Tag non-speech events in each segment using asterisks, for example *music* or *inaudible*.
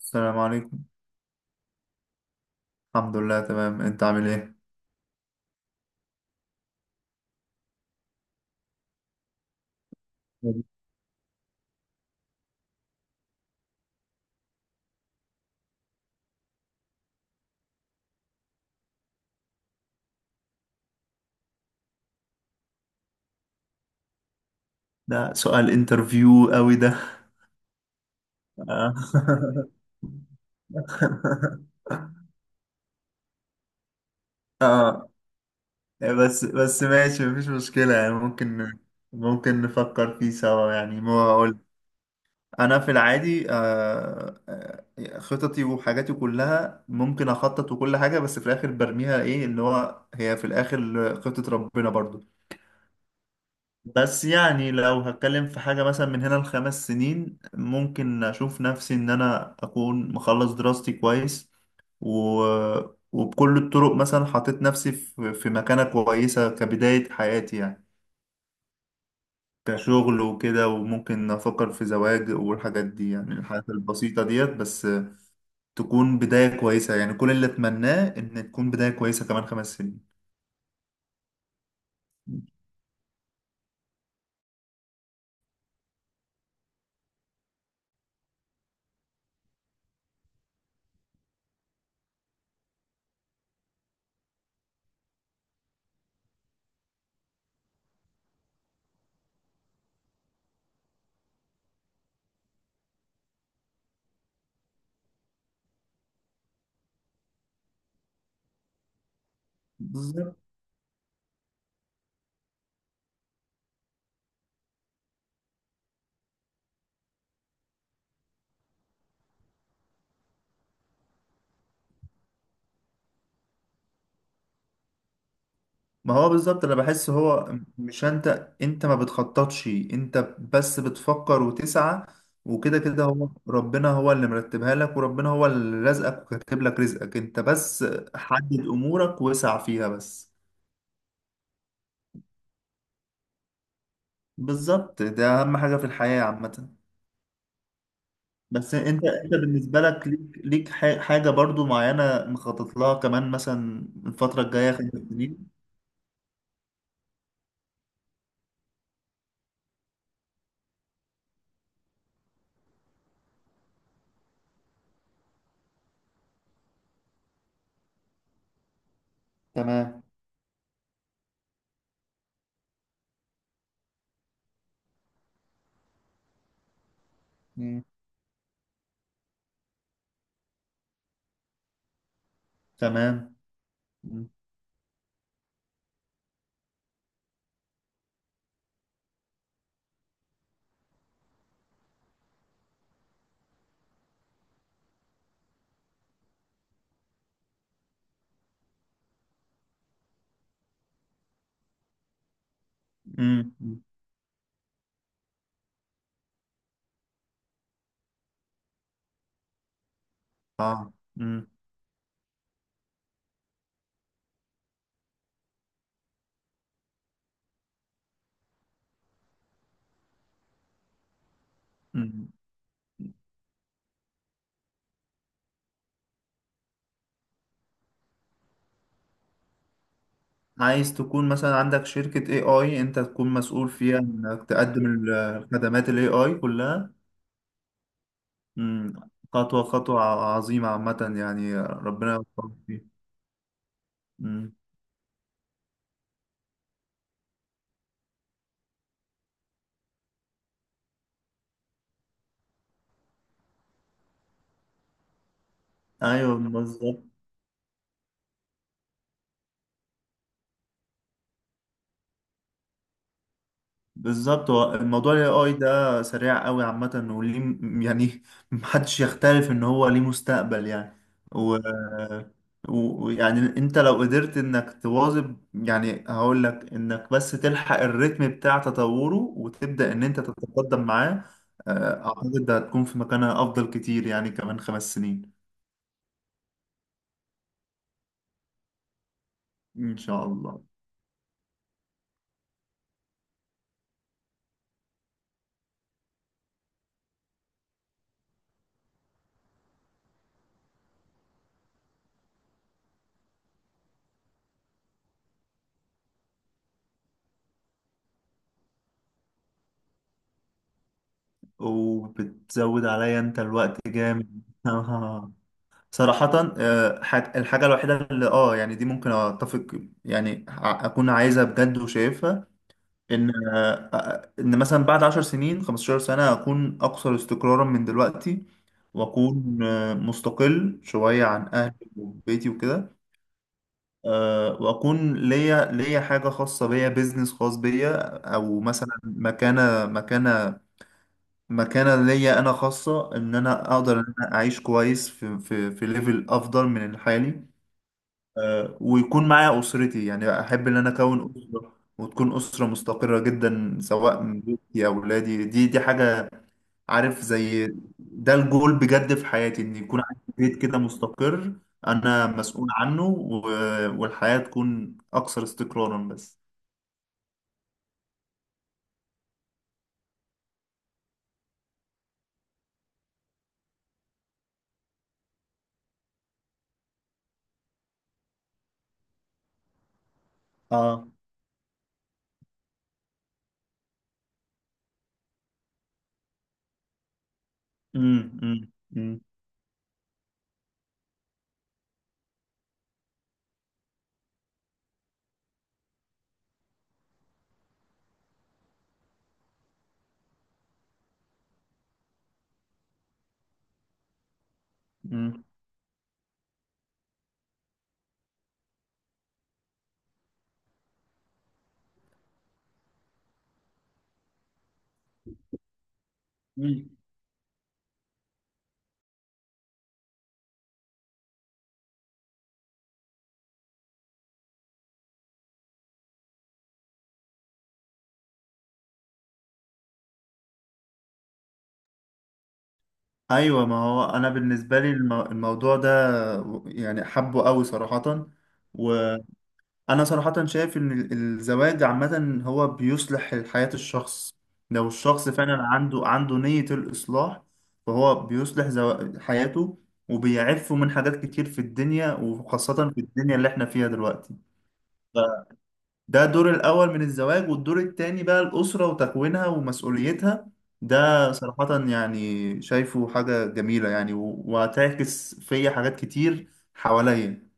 السلام عليكم. الحمد لله تمام، انت عامل ايه؟ ده سؤال انترفيو قوي ده. اه. *laughs* آه، بس ماشي، مفيش مشكلة يعني ممكن، نفكر فيه سوا يعني ما اقول. انا في العادي خططي وحاجاتي كلها ممكن اخطط وكل حاجة، بس في الاخر برميها ايه اللي هو هي في الاخر خطة ربنا برضو. بس يعني لو هتكلم في حاجة مثلا من هنا لخمس سنين، ممكن أشوف نفسي إن أنا أكون مخلص دراستي كويس و... وبكل الطرق مثلا حطيت نفسي في مكانة كويسة كبداية حياتي يعني، كشغل وكده، وممكن أفكر في زواج والحاجات دي، يعني الحاجات البسيطة ديت بس تكون بداية كويسة. يعني كل اللي أتمناه إن تكون بداية كويسة كمان خمس سنين. ما هو بالظبط، انا بحس هو مش انت، ما بتخططش، انت بس بتفكر وتسعى وكده كده هو ربنا، هو اللي مرتبها لك، وربنا هو اللي رزقك وكاتب لك رزقك، انت بس حدد امورك واسع فيها بس. بالظبط، ده اهم حاجة في الحياة عامة. بس انت بالنسبة لك، ليك حاجة برضو معينة مخطط لها كمان مثلا الفترة الجاية خمس سنين؟ تمام. مم. تمام. مم. مم. اه. مم. عايز تكون مثلا عندك شركة اي اي، انت تكون مسؤول فيها انك تقدم الخدمات الاي اي كلها. مم. خطوة خطوة عظيمة عامة يعني، ربنا يوفقك فيها. مم. ايوه بالظبط. بالظبط، هو الموضوع ال AI ده سريع قوي عامة، وليه يعني *laughs* محدش يختلف ان هو ليه مستقبل يعني. و... ويعني انت لو قدرت انك تواظب يعني، هقول لك انك بس تلحق الريتم بتاع تطوره وتبدأ ان انت تتقدم معاه. اعتقد ده هتكون في مكانها افضل كتير يعني كمان خمس سنين ان شاء الله. وبتزود عليا انت الوقت جامد *laughs* صراحة الحاجة الوحيدة اللي اه يعني دي ممكن اتفق يعني اكون عايزها بجد وشايفها. ان ان مثلا بعد عشر سنين، خمستاشر سنة، اكون اكثر استقرارا من دلوقتي. واكون مستقل شوية عن اهلي وبيتي وكده. واكون ليا حاجة خاصة بيا، بيزنس خاص بيا، او مثلا مكانة مكانة ليا انا خاصة، ان انا اقدر ان انا اعيش كويس في في ليفل افضل من الحالي. ويكون معايا أسرتي، يعني أحب إن أنا أكون أسرة وتكون أسرة مستقرة جدا، سواء من بيتي أو أولادي. دي حاجة عارف زي، ده الجول بجد في حياتي، إن يكون عندي بيت كده مستقر، أنا مسؤول عنه، والحياة تكون أكثر استقرارا بس. آه. أمم، أمم، أمم، أمم، أمم. أيوة، ما هو أنا بالنسبة لي الموضوع ده يعني حبه قوي صراحة. و انا صراحة شايف ان الزواج عامة هو بيصلح حياة الشخص، لو الشخص فعلا عنده نية الإصلاح، فهو بيصلح حياته، وبيعفه من حاجات كتير في الدنيا، وخاصة في الدنيا اللي احنا فيها دلوقتي. فده دور الأول من الزواج، والدور التاني بقى الأسرة وتكوينها ومسؤوليتها. ده صراحة يعني شايفه حاجة جميلة يعني، وهتعكس فيا حاجات كتير حواليا.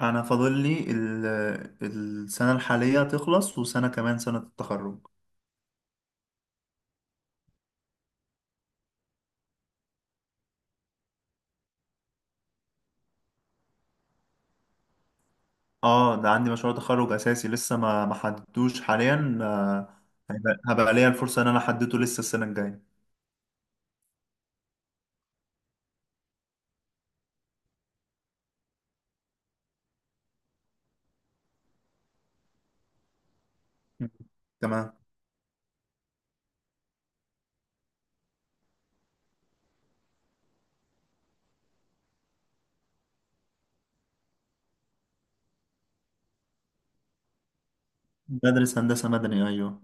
انا فاضل لي السنه الحاليه تخلص وسنه كمان، سنه التخرج. اه ده عندي مشروع تخرج اساسي، لسه ما حددتوش حاليا. هيبقى، هبقى ليا الفرصه ان انا احدده لسه السنه الجايه. مم. تمام. بدرس هندسه مدني ايوه.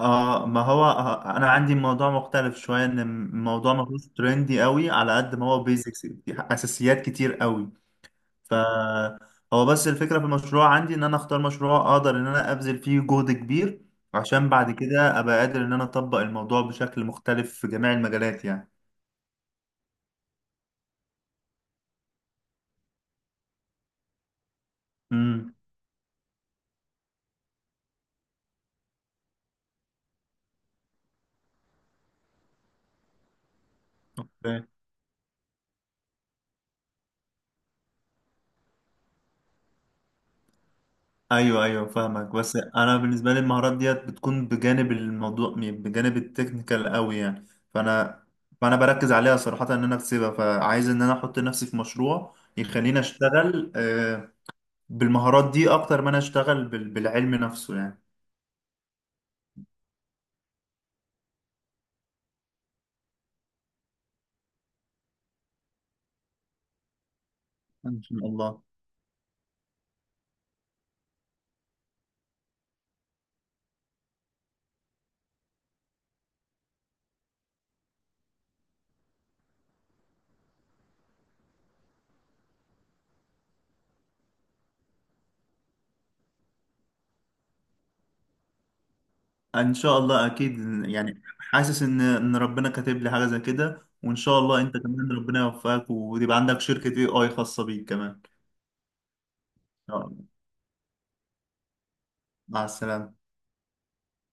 اه ما هو انا عندي موضوع مختلف شويه، ان الموضوع ما فيهوش ترندي قوي على قد ما هو بيزكس اساسيات كتير قوي. فهو بس الفكرة في المشروع عندي، ان انا اختار مشروع اقدر ان انا ابذل فيه جهد كبير، عشان بعد كده ابقى قادر ان انا اطبق الموضوع بشكل مختلف في جميع المجالات يعني. امم. فاهم. ايوه ايوه فاهمك، بس انا بالنسبة لي المهارات ديت بتكون بجانب الموضوع، بجانب التكنيكال قوي يعني. فانا فانا بركز عليها صراحة ان انا اكسبها، فعايز ان انا احط نفسي في مشروع يخليني اشتغل بالمهارات دي اكتر ما انا اشتغل بالعلم نفسه يعني. ان شاء الله. ان شاء الله اكيد. يعني حاسس ان ربنا كاتب لي حاجه زي كده، وان شاء الله انت كمان ربنا يوفقك وتبقى عندك شركه اي اي خاصه بيك كمان. يلا، مع السلامه.